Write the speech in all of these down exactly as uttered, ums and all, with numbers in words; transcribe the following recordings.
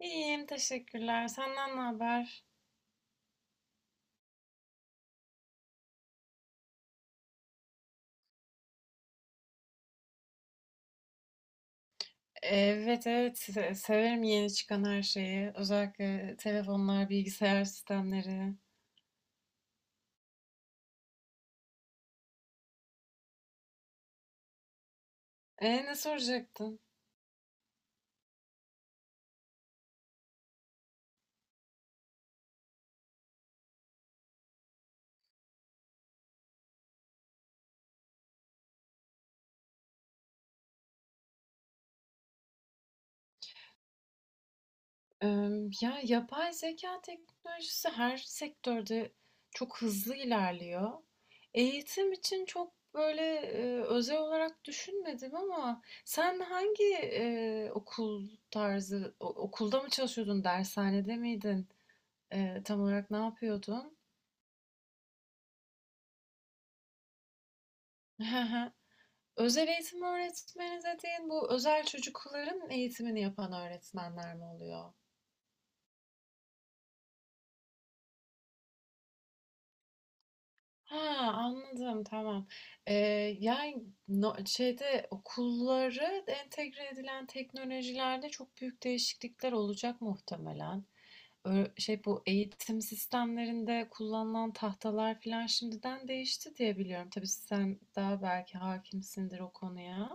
İyiyim, teşekkürler. Senden ne haber? Evet, evet. se- Severim yeni çıkan her şeyi. Özellikle telefonlar, bilgisayar sistemleri. E, ne soracaktın? Ee, Ya yapay zeka teknolojisi her sektörde çok hızlı ilerliyor. Eğitim için çok böyle e, özel olarak düşünmedim ama sen hangi e, okul tarzı, o- okulda mı çalışıyordun, dershanede miydin? E, tam olarak ne yapıyordun? Özel eğitim öğretmeni dediğin bu özel çocukların eğitimini yapan öğretmenler mi oluyor? Ha, anladım, tamam. Ee, Yani no- şeyde okulları entegre edilen teknolojilerde çok büyük değişiklikler olacak muhtemelen. Ö- şey, bu eğitim sistemlerinde kullanılan tahtalar falan şimdiden değişti diye biliyorum. Tabii sen daha belki hakimsindir o konuya.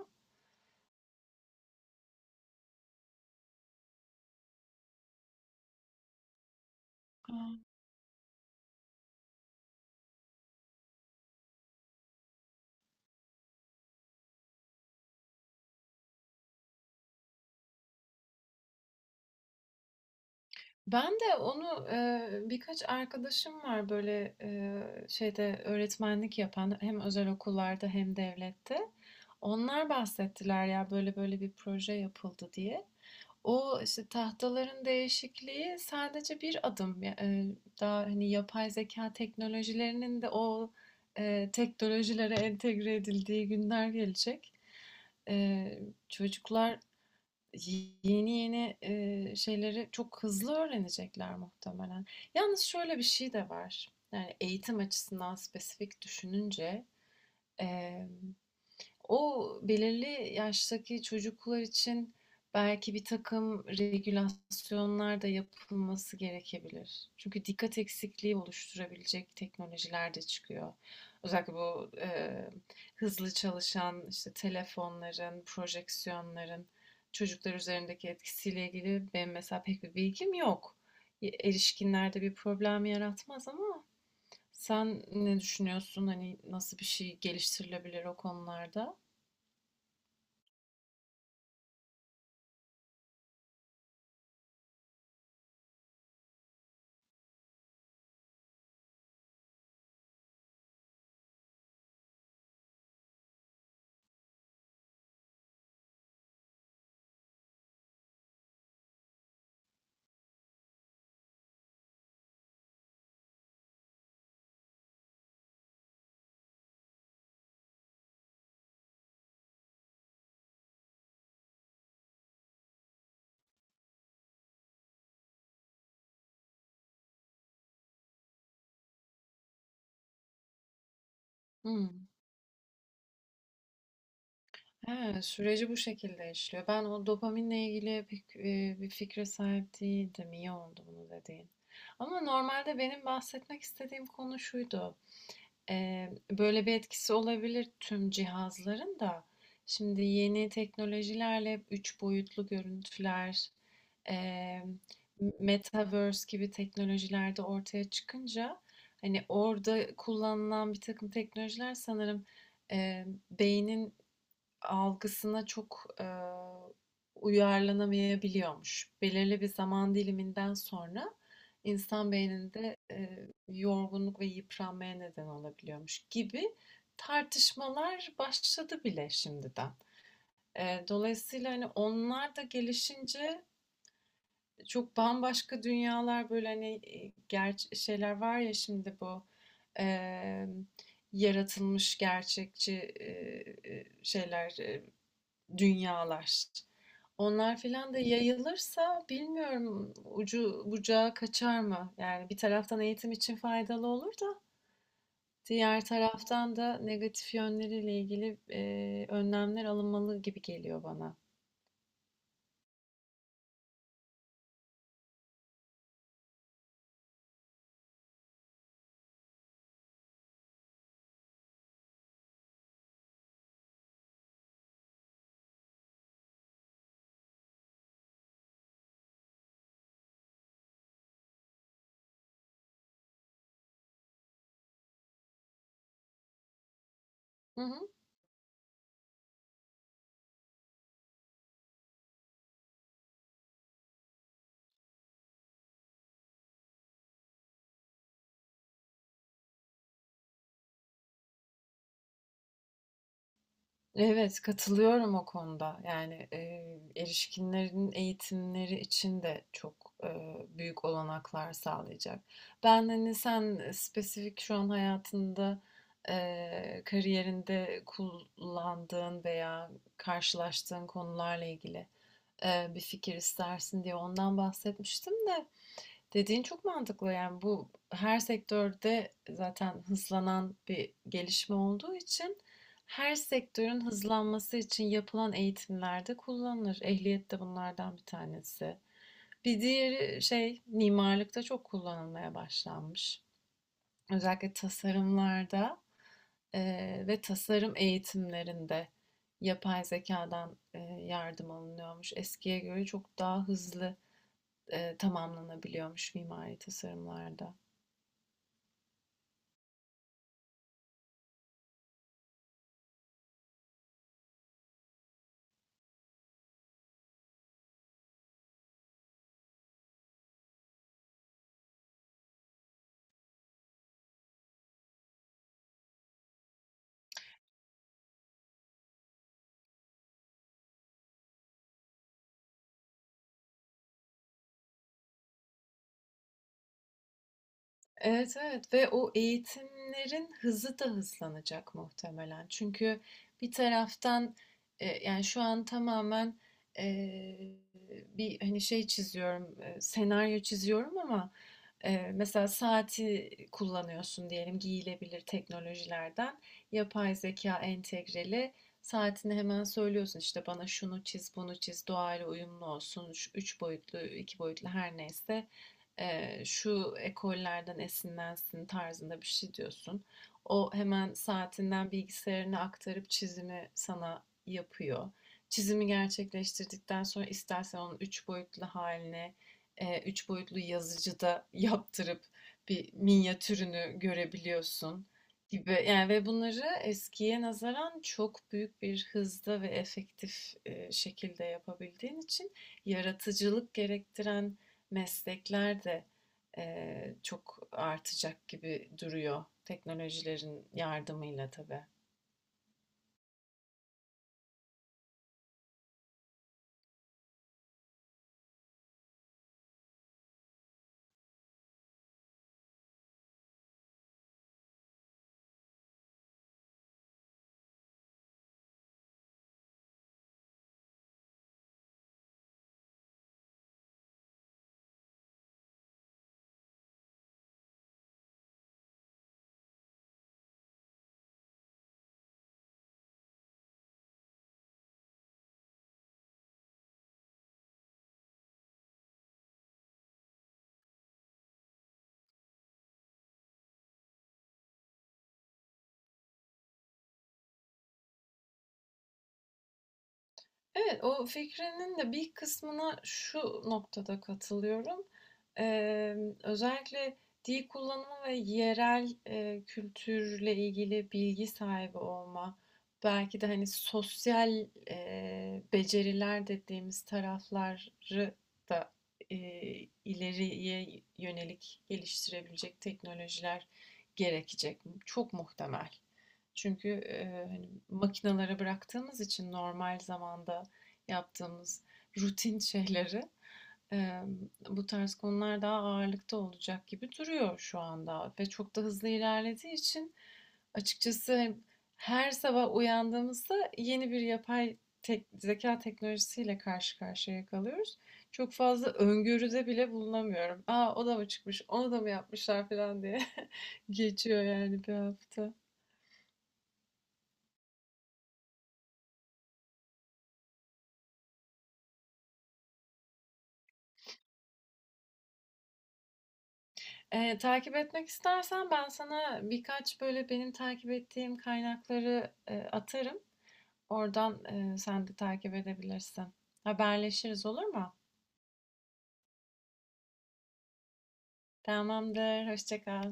Ben de onu, eee, birkaç arkadaşım var böyle, eee, şeyde öğretmenlik yapan hem özel okullarda hem devlette. Onlar bahsettiler ya böyle böyle bir proje yapıldı diye. O işte tahtaların değişikliği sadece bir adım. Ya- eee, daha hani yapay zeka teknolojilerinin de o, eee, teknolojilere entegre edildiği günler gelecek. Eee, Çocuklar yeni yeni, eee, şeyleri çok hızlı öğrenecekler muhtemelen. Yalnız şöyle bir şey de var. Yani eğitim açısından spesifik düşününce, emm o belirli yaştaki çocuklar için belki bir takım regülasyonlar da yapılması gerekebilir. Çünkü dikkat eksikliği oluşturabilecek teknolojiler de çıkıyor. Özellikle bu e, hızlı çalışan işte telefonların, projeksiyonların çocuklar üzerindeki etkisiyle ilgili benim mesela pek bir bilgim yok. E, Erişkinlerde bir problem yaratmaz ama sen ne düşünüyorsun? Hani nasıl bir şey geliştirilebilir o konularda? Hmm. He, süreci bu şekilde işliyor. Ben o dopaminle ilgili pek, eee, bir fikre sahip değildim. İyi oldu bunu dediğin. Ama normalde benim bahsetmek istediğim konu şuydu. Eee, böyle bir etkisi olabilir tüm cihazların da. Şimdi yeni teknolojilerle hep üç boyutlu görüntüler, eee, metaverse gibi teknolojilerde ortaya çıkınca hani orada kullanılan bir takım teknolojiler sanırım, eee, beynin algısına çok, eee, uyarlanamayabiliyormuş. Belirli bir zaman diliminden sonra insan beyninde, eee, yorgunluk ve yıpranmaya neden olabiliyormuş gibi tartışmalar başladı bile şimdiden. Eee, dolayısıyla, hani, onlar da gelişince çok bambaşka dünyalar, böyle, hani, eee, şeyler var ya şimdi bu, emm, yaratılmış gerçekçi, eee, şeyler, eee, dünyalar. Onlar filan da yayılırsa bilmiyorum ucu bucağı kaçar mı? Yani bir taraftan eğitim için faydalı olur da diğer taraftan da negatif yönleriyle ilgili e, önlemler alınmalı gibi geliyor bana. Hı hı. Evet, katılıyorum o konuda. Yani, eee, erişkinlerin eğitimleri için de çok, eee, büyük olanaklar sağlayacak. Ben, hani, sen, eee, spesifik şu an hayatında, eee, kariyerinde kullandığın veya karşılaştığın konularla ilgili, eee, bir fikir istersin diye ondan bahsetmiştim de. Dediğin çok mantıklı, yani bu her sektörde zaten hızlanan bir gelişme olduğu için her sektörün hızlanması için yapılan eğitimlerde kullanılır. Ehliyet de bunlardan bir tanesi. Bir diğeri şey, mimarlıkta çok kullanılmaya başlanmış. Özellikle tasarımlarda eee, ve tasarım eğitimlerinde yapay zekadan eee, yardım alınıyormuş. Eskiye göre çok daha hızlı eee, tamamlanabiliyormuş mimari tasarımlarda. Evet, evet, ve o eğitimlerin hızı da hızlanacak muhtemelen. Çünkü bir taraftan e, yani şu an tamamen e, bir hani şey çiziyorum, e, senaryo çiziyorum ama e, mesela saati kullanıyorsun diyelim, giyilebilir teknolojilerden yapay zeka entegreli saatini hemen söylüyorsun, işte bana şunu çiz, bunu çiz, doğayla uyumlu olsun, şu üç boyutlu, iki boyutlu her neyse eee, şu ekollerden esinlensin tarzında bir şey diyorsun. O hemen saatinden bilgisayarına aktarıp çizimi sana yapıyor. Çizimi gerçekleştirdikten sonra istersen onun üç boyutlu haline, eee, üç boyutlu yazıcıda yaptırıp bir minyatürünü görebiliyorsun gibi. Yani ve bunları eskiye nazaran çok büyük bir hızda ve efektif eee, şekilde yapabildiğin için yaratıcılık gerektiren meslekler de eee, çok artacak gibi duruyor teknolojilerin yardımıyla tabii. Evet, o fikrinin de bir kısmına şu noktada katılıyorum. Eee, Özellikle dil kullanımı ve yerel eee, kültürle ilgili bilgi sahibi olma, belki de hani sosyal eee, beceriler dediğimiz tarafları da eee, ileriye yönelik geliştirebilecek teknolojiler gerekecek. Çok muhtemel. Çünkü e, hani makinalara bıraktığımız için normal zamanda yaptığımız rutin şeyleri e, bu tarz konular daha ağırlıkta olacak gibi duruyor şu anda ve çok da hızlı ilerlediği için açıkçası her sabah uyandığımızda yeni bir yapay tek- zeka teknolojisiyle karşı karşıya kalıyoruz. Çok fazla öngörüde bile bulunamıyorum. Aa, o da mı çıkmış, onu da mı yapmışlar falan diye geçiyor yani bir hafta. Eee, takip etmek istersen ben sana birkaç böyle benim takip ettiğim kaynakları, eee, atarım. Oradan, eee, sen de takip edebilirsin. Haberleşiriz, olur mu? Tamamdır, hoşça kal.